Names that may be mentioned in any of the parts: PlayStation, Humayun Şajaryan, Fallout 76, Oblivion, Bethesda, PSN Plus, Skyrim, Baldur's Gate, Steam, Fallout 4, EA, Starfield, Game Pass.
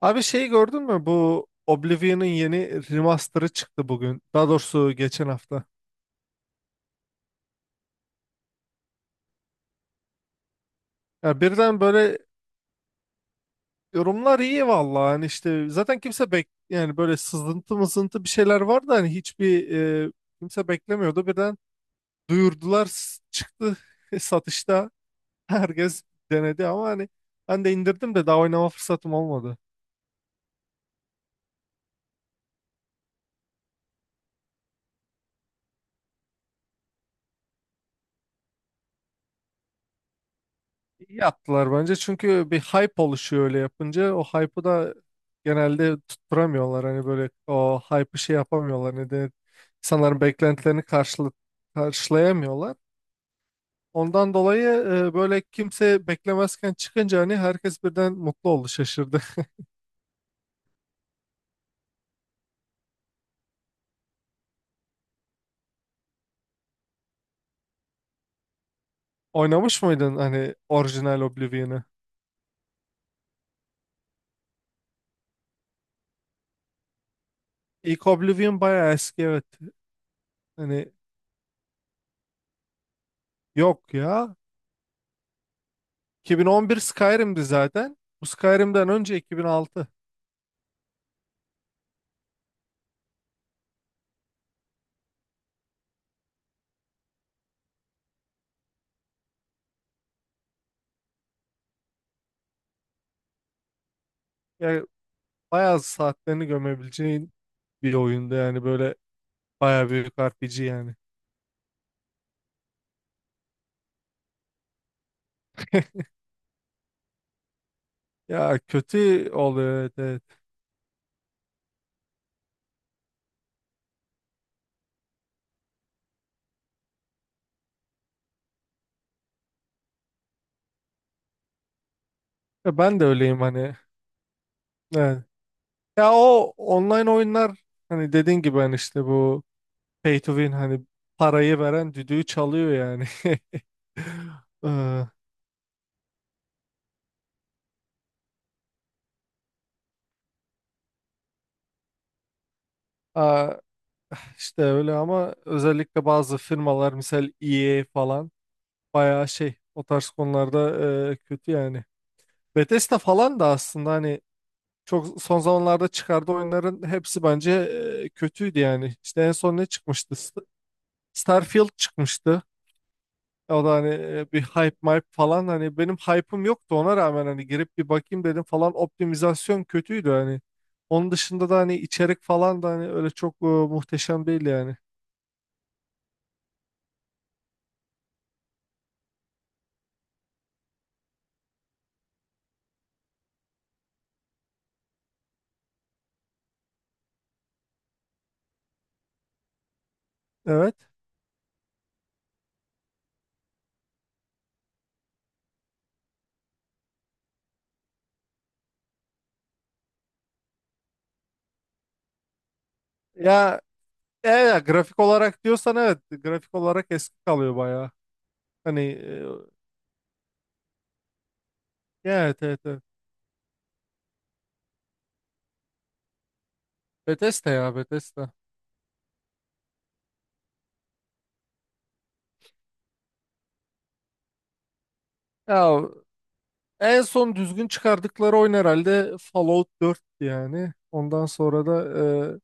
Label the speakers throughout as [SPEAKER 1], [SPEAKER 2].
[SPEAKER 1] Abi şeyi gördün mü? Bu Oblivion'ın yeni remaster'ı çıktı bugün. Daha doğrusu geçen hafta. Ya birden böyle yorumlar iyi vallahi. Hani işte zaten kimse yani böyle sızıntı mızıntı bir şeyler vardı, hani hiçbir e, kimse beklemiyordu. Birden duyurdular, çıktı satışta. Herkes denedi ama hani ben de indirdim de daha oynama fırsatım olmadı. İyi yaptılar bence, çünkü bir hype oluşuyor öyle yapınca, o hype'ı da genelde tutturamıyorlar, hani böyle o hype'ı şey yapamıyorlar, ne denir, insanların beklentilerini karşılayamıyorlar. Ondan dolayı böyle kimse beklemezken çıkınca, hani herkes birden mutlu oldu, şaşırdı. Oynamış mıydın hani orijinal Oblivion'ı? İlk Oblivion bayağı eski, evet. Hani yok ya. 2011 Skyrim'di zaten. Bu Skyrim'den önce 2006. Ya bayağı saatlerini gömebileceğin bir oyunda yani, böyle bayağı büyük RPG yani. Ya kötü oluyor, evet, evet. Ya ben de öyleyim hani. Evet. Ya o online oyunlar hani, dediğin gibi, hani işte bu pay to win, hani parayı veren düdüğü çalıyor yani. Ee, aa, işte öyle, ama özellikle bazı firmalar misal EA falan bayağı şey o tarz konularda kötü yani. Bethesda falan da aslında, hani çok son zamanlarda çıkardığı oyunların hepsi bence kötüydü yani. İşte en son ne çıkmıştı? Starfield çıkmıştı. O da hani bir hype mype falan, hani benim hype'ım yoktu, ona rağmen hani girip bir bakayım dedim falan, optimizasyon kötüydü hani. Onun dışında da hani içerik falan da hani öyle çok muhteşem değil yani. Evet. Ya, ya grafik olarak diyorsan, evet, grafik olarak eski kalıyor bayağı. Hani ya, evet, evet, evet. Bethesda, ya Bethesda. Ya en son düzgün çıkardıkları oyun herhalde Fallout 4 yani. Ondan sonra da e,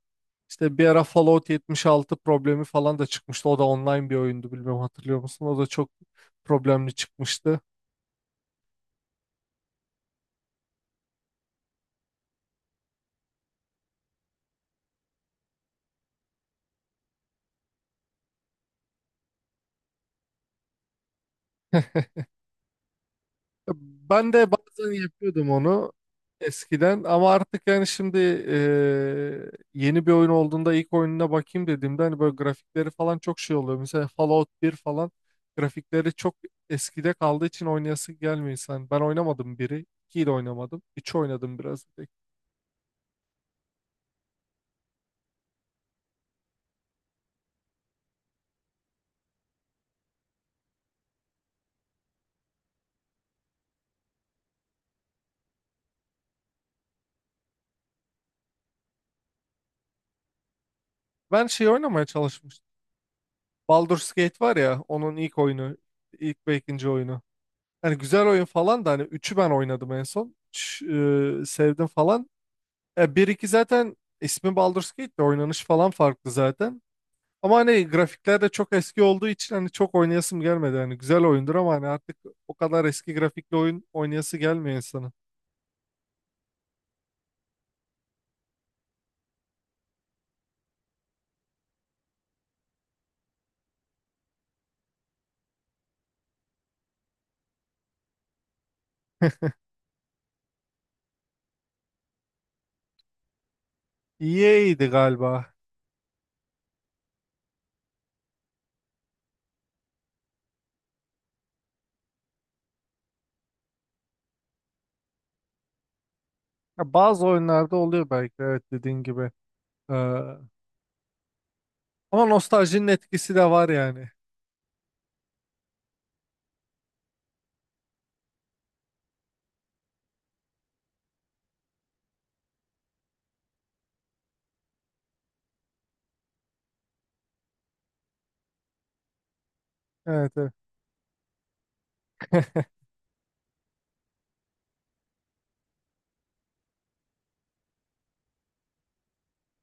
[SPEAKER 1] işte bir ara Fallout 76 problemi falan da çıkmıştı. O da online bir oyundu, bilmiyorum, hatırlıyor musun? O da çok problemli çıkmıştı. Ben de bazen yapıyordum onu eskiden, ama artık, yani şimdi yeni bir oyun olduğunda ilk oyununa bakayım dediğimde hani böyle grafikleri falan çok şey oluyor. Mesela Fallout bir falan grafikleri çok eskide kaldığı için oynayası gelmiyor insan. Ben oynamadım biri, 2'yi de oynamadım. 3 oynadım biraz, bir tek. Ben şey oynamaya çalışmıştım. Baldur's Gate var ya, onun ilk oyunu, ilk ve ikinci oyunu. Hani güzel oyun falan da, hani üçü ben oynadım en son. Üç, sevdim falan. Ya 1-2 zaten ismi Baldur's Gate de, oynanış falan farklı zaten. Ama hani grafikler de çok eski olduğu için hani çok oynayasım gelmedi. Hani güzel oyundur ama hani artık o kadar eski grafikli oyun oynayası gelmiyor insanın. EA'ydi galiba. Ya bazı oyunlarda oluyor belki, evet, dediğin gibi. Ee, ama nostaljinin etkisi de var yani. Evet, evet.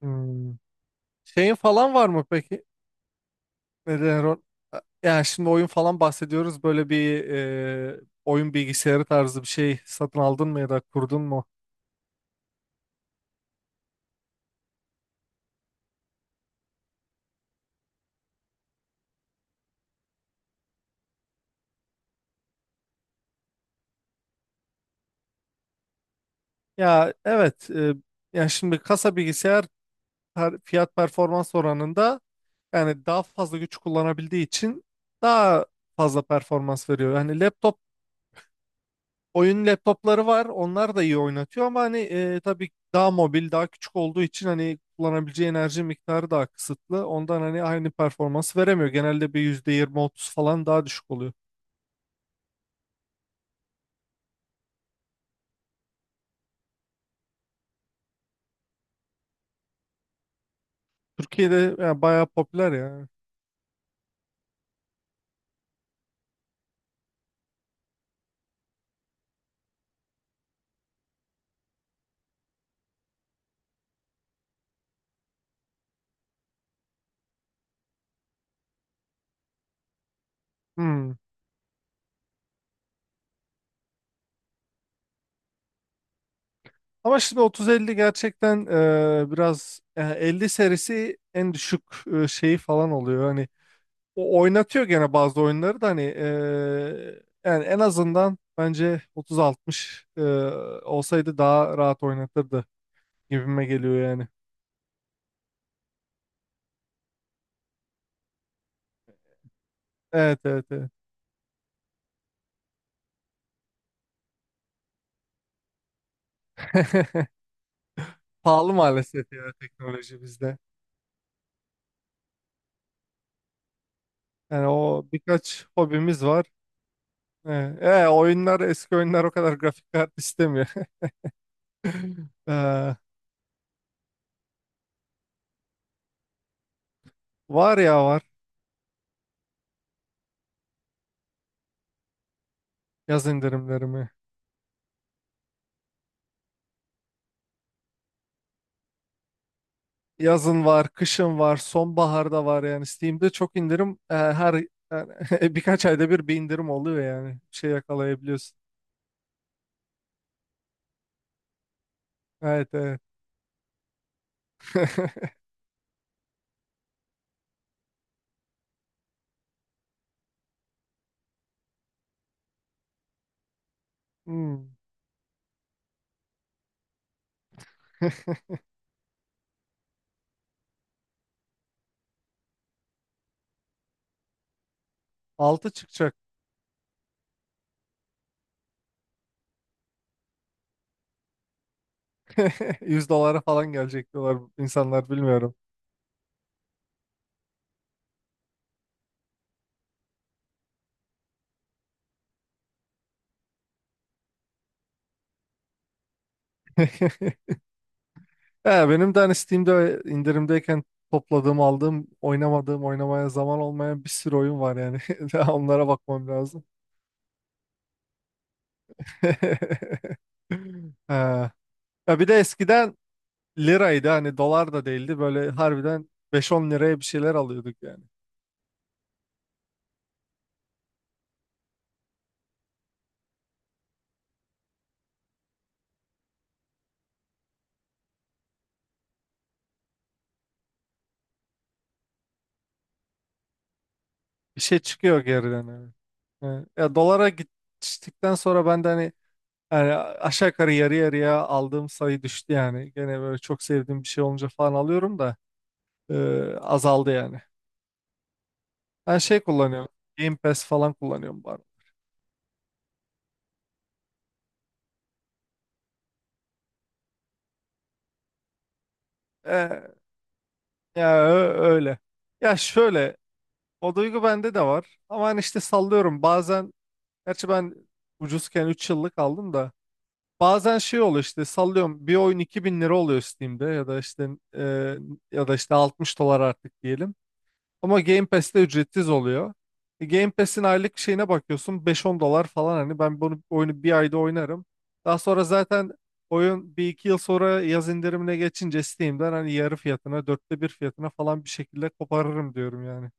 [SPEAKER 1] Hmm. Şeyin falan var mı peki? Neden denir, yani şimdi oyun falan bahsediyoruz. Böyle bir oyun bilgisayarı tarzı bir şey satın aldın mı ya da kurdun mu? Ya, evet. Yani şimdi kasa bilgisayar, fiyat performans oranında, yani daha fazla güç kullanabildiği için daha fazla performans veriyor. Yani laptop, oyun laptopları var. Onlar da iyi oynatıyor, ama hani tabii daha mobil, daha küçük olduğu için hani kullanabileceği enerji miktarı daha kısıtlı. Ondan hani aynı performans veremiyor. Genelde bir %20, 30 falan daha düşük oluyor. Türkiye'de yani bayağı popüler ya. Hmm. Ama şimdi otuz 50 gerçekten biraz 50 serisi en düşük şeyi falan oluyor. Hani o oynatıyor gene bazı oyunları da, hani yani en azından bence 3060 olsaydı daha rahat oynatırdı gibime geliyor yani. Evet, evet, evet. Pahalı maalesef ya, teknoloji bizde. Yani o birkaç hobimiz var. Evet. Oyunlar, eski oyunlar o kadar grafik kart istemiyor. Eee, var ya var, yaz indirimlerimi. Yazın var, kışın var, sonbaharda var, yani Steam'de çok indirim her yani birkaç ayda bir bir indirim oluyor yani. Bir şey yakalayabiliyorsun. Evet, evet. Hmm. 6 çıkacak. 100 dolara falan gelecek diyorlar insanlar, bilmiyorum. He, benim de hani Steam'de indirimdeyken topladığım, aldığım, oynamadığım, oynamaya zaman olmayan bir sürü oyun var yani. Daha onlara bakmam lazım. He. Ya bir de eskiden liraydı, hani dolar da değildi, böyle harbiden beş on liraya bir şeyler alıyorduk yani. Bir şey çıkıyor geriden hani. Evet. Ya dolara geçtikten sonra ben de, hani aşağı yukarı yarı yarıya aldığım sayı düştü yani. Gene böyle çok sevdiğim bir şey olunca falan alıyorum da e, azaldı yani. Ben şey kullanıyorum. Game Pass falan kullanıyorum bari. Ya öyle. Ya şöyle, o duygu bende de var, ama hani işte sallıyorum bazen, gerçi ben ucuzken 3 yıllık aldım da, bazen şey oluyor, işte sallıyorum bir oyun 2.000 lira oluyor Steam'de, ya da işte e, ya da işte 60 dolar artık diyelim. Ama Game Pass'te ücretsiz oluyor. Game Pass'in aylık şeyine bakıyorsun, beş on dolar falan, hani ben bunu, oyunu bir ayda oynarım. Daha sonra zaten oyun bir iki yıl sonra yaz indirimine geçince Steam'den hani yarı fiyatına, dörtte bir fiyatına falan bir şekilde koparırım diyorum yani.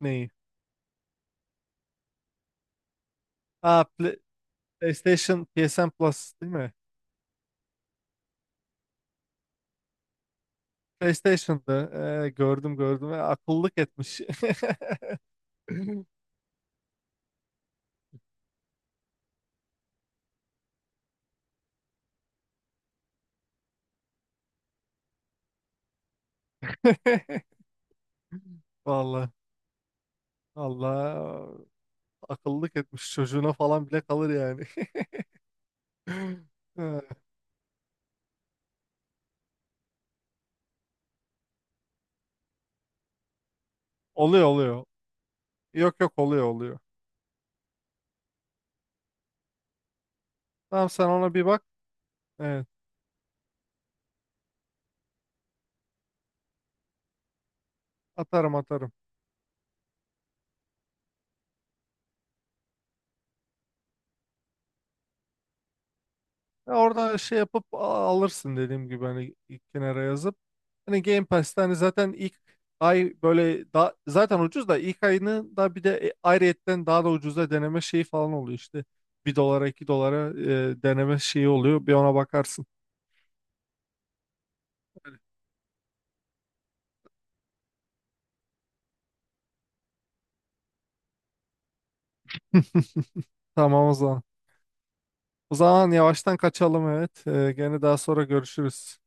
[SPEAKER 1] Neyi? Aa, PlayStation PSN Plus değil mi? PlayStation'da gördüm, gördüm. Akıllık etmiş. Vallahi, Allah, akıllık etmiş, çocuğuna falan bile kalır yani. Ee, Oluyor, oluyor. Yok, yok, oluyor, oluyor. Tamam, sen ona bir bak. Evet, atarım, atarım. Ya orada şey yapıp, alırsın dediğim gibi, hani ilk kenara yazıp. Hani Game Pass'te hani zaten ilk ay böyle da, zaten ucuz da, ilk ayını da bir de ayrıyetten daha da ucuza deneme şeyi falan oluyor işte. Bir dolara, 2 dolara deneme şeyi oluyor. Bir ona bakarsın. Tamam, o zaman. O zaman yavaştan kaçalım, evet. Gene daha sonra görüşürüz.